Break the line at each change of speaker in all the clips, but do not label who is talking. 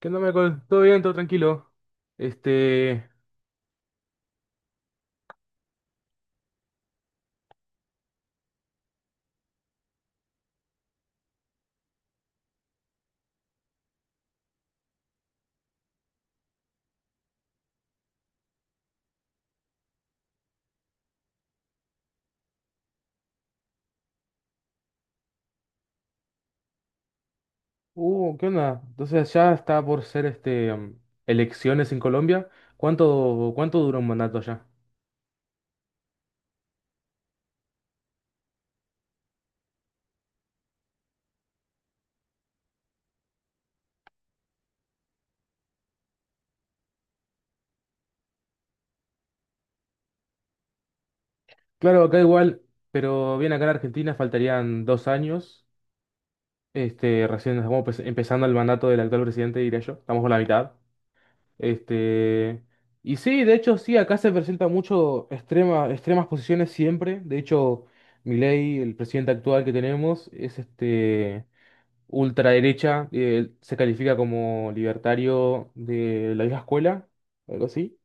¿Qué onda, Michael? ¿Todo bien? ¿Todo tranquilo? Este... ¿Qué onda? Entonces ya está por ser elecciones en Colombia. ¿Cuánto dura un mandato allá? Claro, acá igual, pero bien acá en Argentina faltarían 2 años. Este, recién estamos empezando el mandato del actual presidente, diré yo. Estamos por la mitad. Este... Y sí, de hecho, sí, acá se presenta mucho extrema, extremas posiciones siempre. De hecho, Milei, el presidente actual que tenemos, es este ultraderecha, se califica como libertario de la vieja escuela, algo así.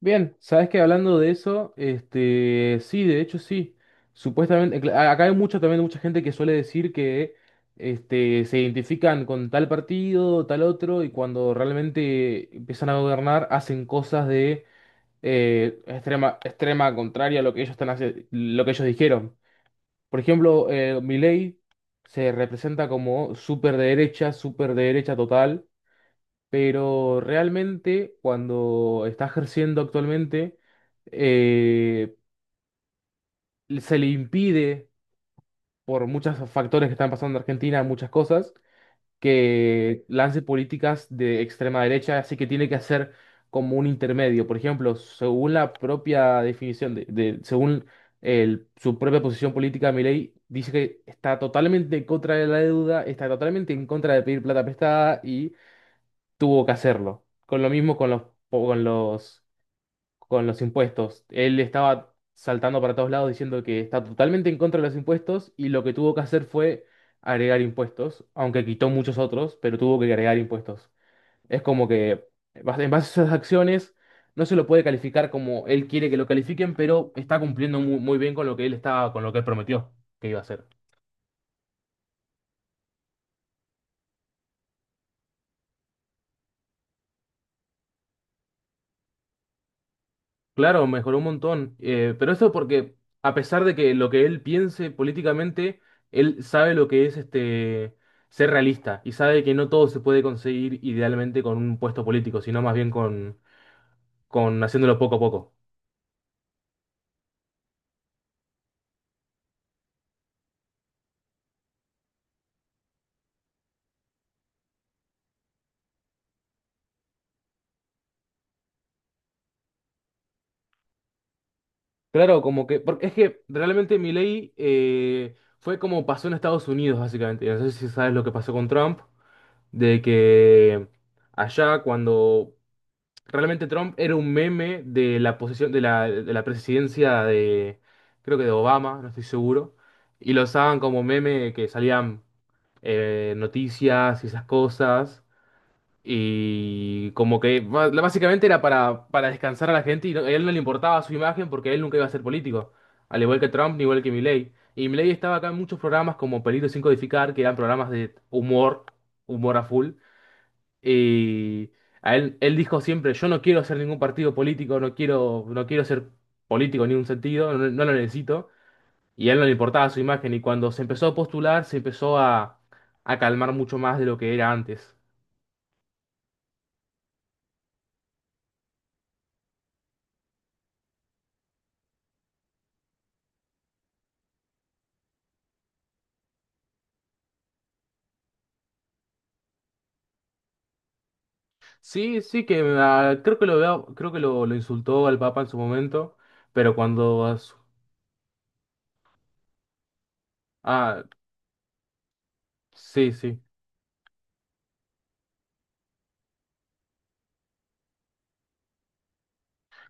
Bien, sabes que hablando de eso, este, sí, de hecho sí. Supuestamente, acá hay mucho también mucha gente que suele decir que este, se identifican con tal partido, tal otro, y cuando realmente empiezan a gobernar hacen cosas de extrema contraria a lo que ellos están lo que ellos dijeron. Por ejemplo, Milei se representa como súper derecha total, pero realmente cuando está ejerciendo actualmente, eh, se le impide, por muchos factores que están pasando en Argentina, muchas cosas, que lance políticas de extrema derecha, así que tiene que hacer como un intermedio. Por ejemplo, según la propia definición de según su propia posición política, Milei dice que está totalmente en contra de la deuda, está totalmente en contra de pedir plata prestada y tuvo que hacerlo. Con lo mismo con los con los impuestos. Él estaba saltando para todos lados diciendo que está totalmente en contra de los impuestos y lo que tuvo que hacer fue agregar impuestos, aunque quitó muchos otros, pero tuvo que agregar impuestos. Es como que en base a esas acciones no se lo puede calificar como él quiere que lo califiquen, pero está cumpliendo muy, bien con lo que él estaba, con lo que él prometió que iba a hacer. Claro, mejoró un montón. Pero eso porque, a pesar de que lo que él piense políticamente, él sabe lo que es este ser realista y sabe que no todo se puede conseguir idealmente con un puesto político, sino más bien con haciéndolo poco a poco. Claro, como que, porque es que realmente Milei fue como pasó en Estados Unidos, básicamente. No sé si sabes lo que pasó con Trump, de que allá cuando realmente Trump era un meme de la posesión, de la presidencia de, creo que de Obama, no estoy seguro. Y lo usaban como meme que salían noticias y esas cosas. Y como que básicamente era para descansar a la gente y a él no le importaba su imagen porque él nunca iba a ser político. Al igual que Trump, ni igual que Milley. Y Milley estaba acá en muchos programas como Peligro sin codificar, que eran programas de humor, humor a full. Y a él, él dijo siempre, yo no quiero hacer ningún partido político, no quiero, no quiero ser político en ningún sentido, no, no lo necesito. Y a él no le importaba su imagen y cuando se empezó a postular se empezó a calmar mucho más de lo que era antes. Sí, sí, que ah, creo que lo veo- creo que lo insultó al Papa en su momento, pero cuando... Ah, sí, sí.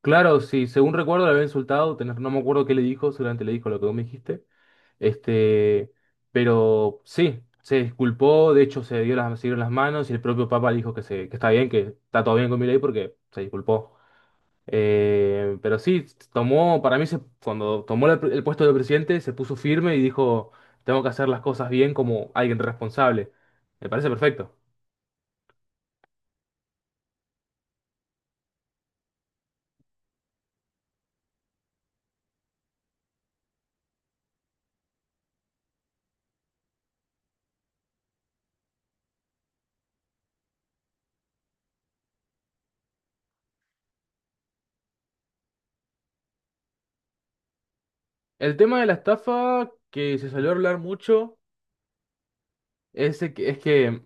Claro, sí, según recuerdo le había insultado, no me acuerdo qué le dijo, seguramente le dijo lo que vos me dijiste. Este, pero sí, se disculpó, de hecho se dio las, se dieron las manos y el propio Papa le dijo que, se, que está bien, que está todo bien con ley porque se disculpó. Pero sí, tomó, para mí cuando tomó el puesto de presidente se puso firme y dijo, tengo que hacer las cosas bien como alguien responsable. Me parece perfecto. El tema de la estafa que se salió a hablar mucho es, de que- es que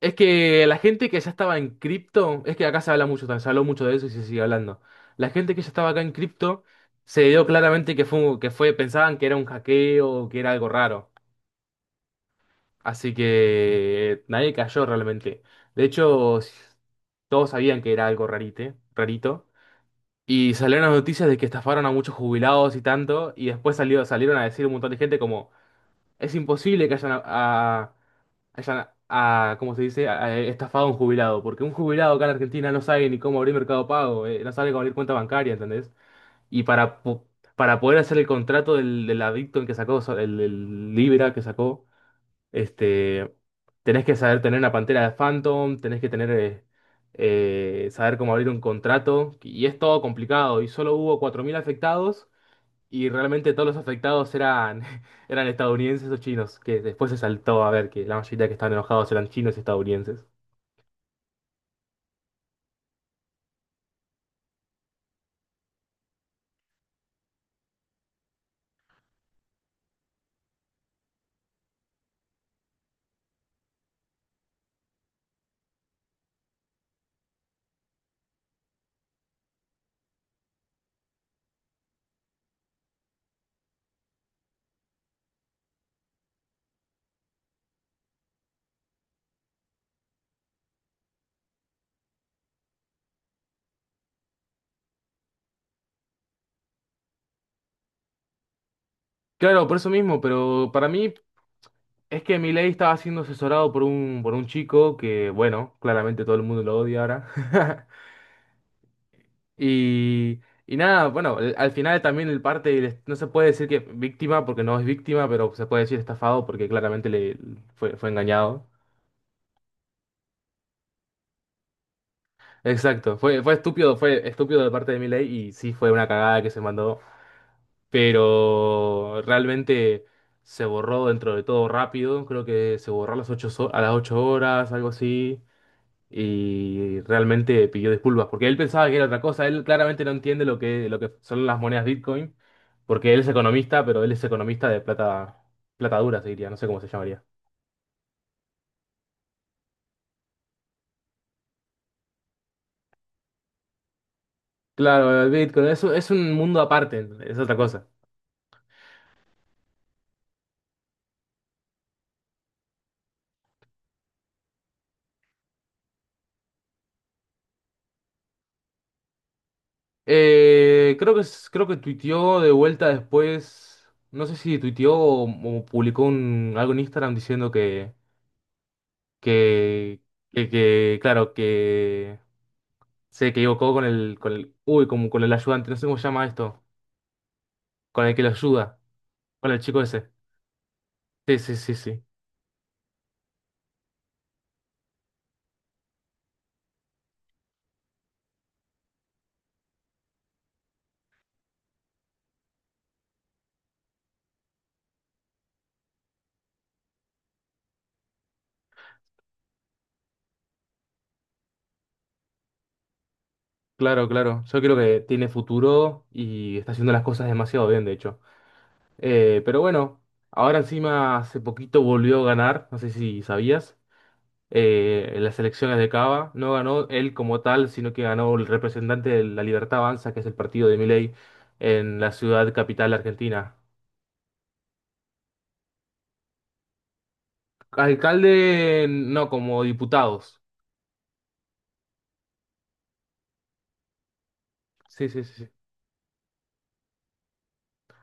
Es que la gente que ya estaba en cripto, es que acá se habla mucho, se habló mucho de eso y se sigue hablando. La gente que ya estaba acá en cripto se dio claramente que fue, pensaban que era un hackeo, que era algo raro. Así que nadie cayó realmente. De hecho, todos sabían que era algo rarite, rarito. Y salieron las noticias de que estafaron a muchos jubilados y tanto. Y después salió, salieron a decir un montón de gente como, es imposible que hayan a- hayan, a, ¿cómo se dice?, a estafado a un jubilado. Porque un jubilado acá en Argentina no sabe ni cómo abrir Mercado Pago, no sabe cómo abrir cuenta bancaria, ¿entendés? Y para, para poder hacer el contrato del, del adicto en que sacó, el Libra que sacó, este, tenés que saber tener una pantera de Phantom, tenés que tener, saber cómo abrir un contrato. Y es todo complicado. Y solo hubo 4.000 afectados. Y realmente todos los afectados eran, eran estadounidenses o chinos, que después se saltó a ver que la mayoría que estaban enojados eran chinos y estadounidenses. Claro, por eso mismo, pero para mí es que Milei estaba siendo asesorado por por un chico que, bueno, claramente todo el mundo lo odia ahora. Y, y nada, bueno, al final también el parte, no se puede decir que víctima porque no es víctima, pero se puede decir estafado porque claramente le, fue, fue engañado. Exacto, fue, fue estúpido de parte de Milei y sí fue una cagada que se mandó, pero realmente se borró dentro de todo rápido, creo que se borró a las 8 horas, algo así, y realmente pidió disculpas, porque él pensaba que era otra cosa, él claramente no entiende lo que son las monedas Bitcoin, porque él es economista, pero él es economista de plata, plata dura, se diría, no sé cómo se llamaría. Claro, el Bitcoin es, es un mundo aparte, es otra cosa. Creo que, creo que tuiteó de vuelta después, no sé si tuiteó o publicó algo en Instagram diciendo que, que, claro, que se equivocó con el, uy, como con el ayudante, no sé cómo se llama esto, con el que lo ayuda, con el chico ese. Sí, sí, sí, sí. Claro, claro. Yo creo que tiene futuro y está haciendo las cosas demasiado bien, de hecho. Pero bueno, ahora encima hace poquito volvió a ganar, no sé si sabías, en las elecciones de Cava. No ganó él como tal, sino que ganó el representante de La Libertad Avanza, que es el partido de Milei, en la ciudad capital argentina. Alcalde, no, como diputados. Sí, sí, sí.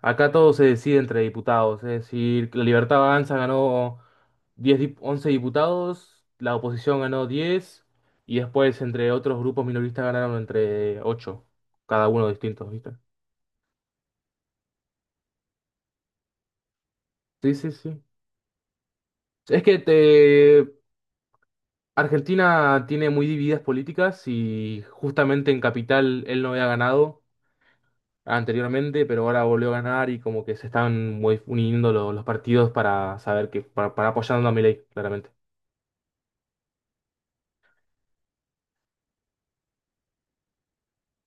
Acá todo se decide entre diputados, es decir, La Libertad Avanza ganó 11 diputados, la oposición ganó 10 y después entre otros grupos minoristas ganaron entre 8 cada uno distintos, ¿viste? Sí, sí, sí. Es que te Argentina tiene muy divididas políticas y justamente en Capital él no había ganado anteriormente, pero ahora volvió a ganar y como que se están uniendo los partidos para saber que para apoyando a Milei, claramente.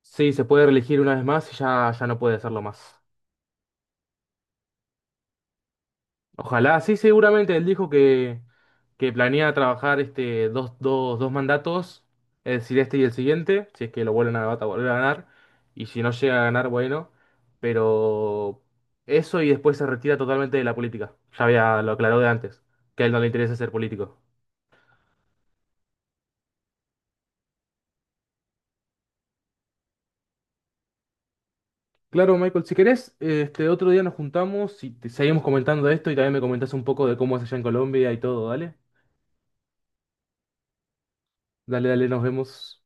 Sí, se puede reelegir una vez más y ya, ya no puede hacerlo más. Ojalá, sí, seguramente él dijo que planea trabajar este, dos mandatos, es decir, este y el siguiente, si es que lo vuelven a volver a ganar, y si no llega a ganar, bueno, pero eso y después se retira totalmente de la política, ya había, lo aclaró de antes, que a él no le interesa ser político. Claro, Michael, si querés, este otro día nos juntamos y seguimos comentando esto y también me comentás un poco de cómo es allá en Colombia y todo, dale, dale, dale, nos vemos.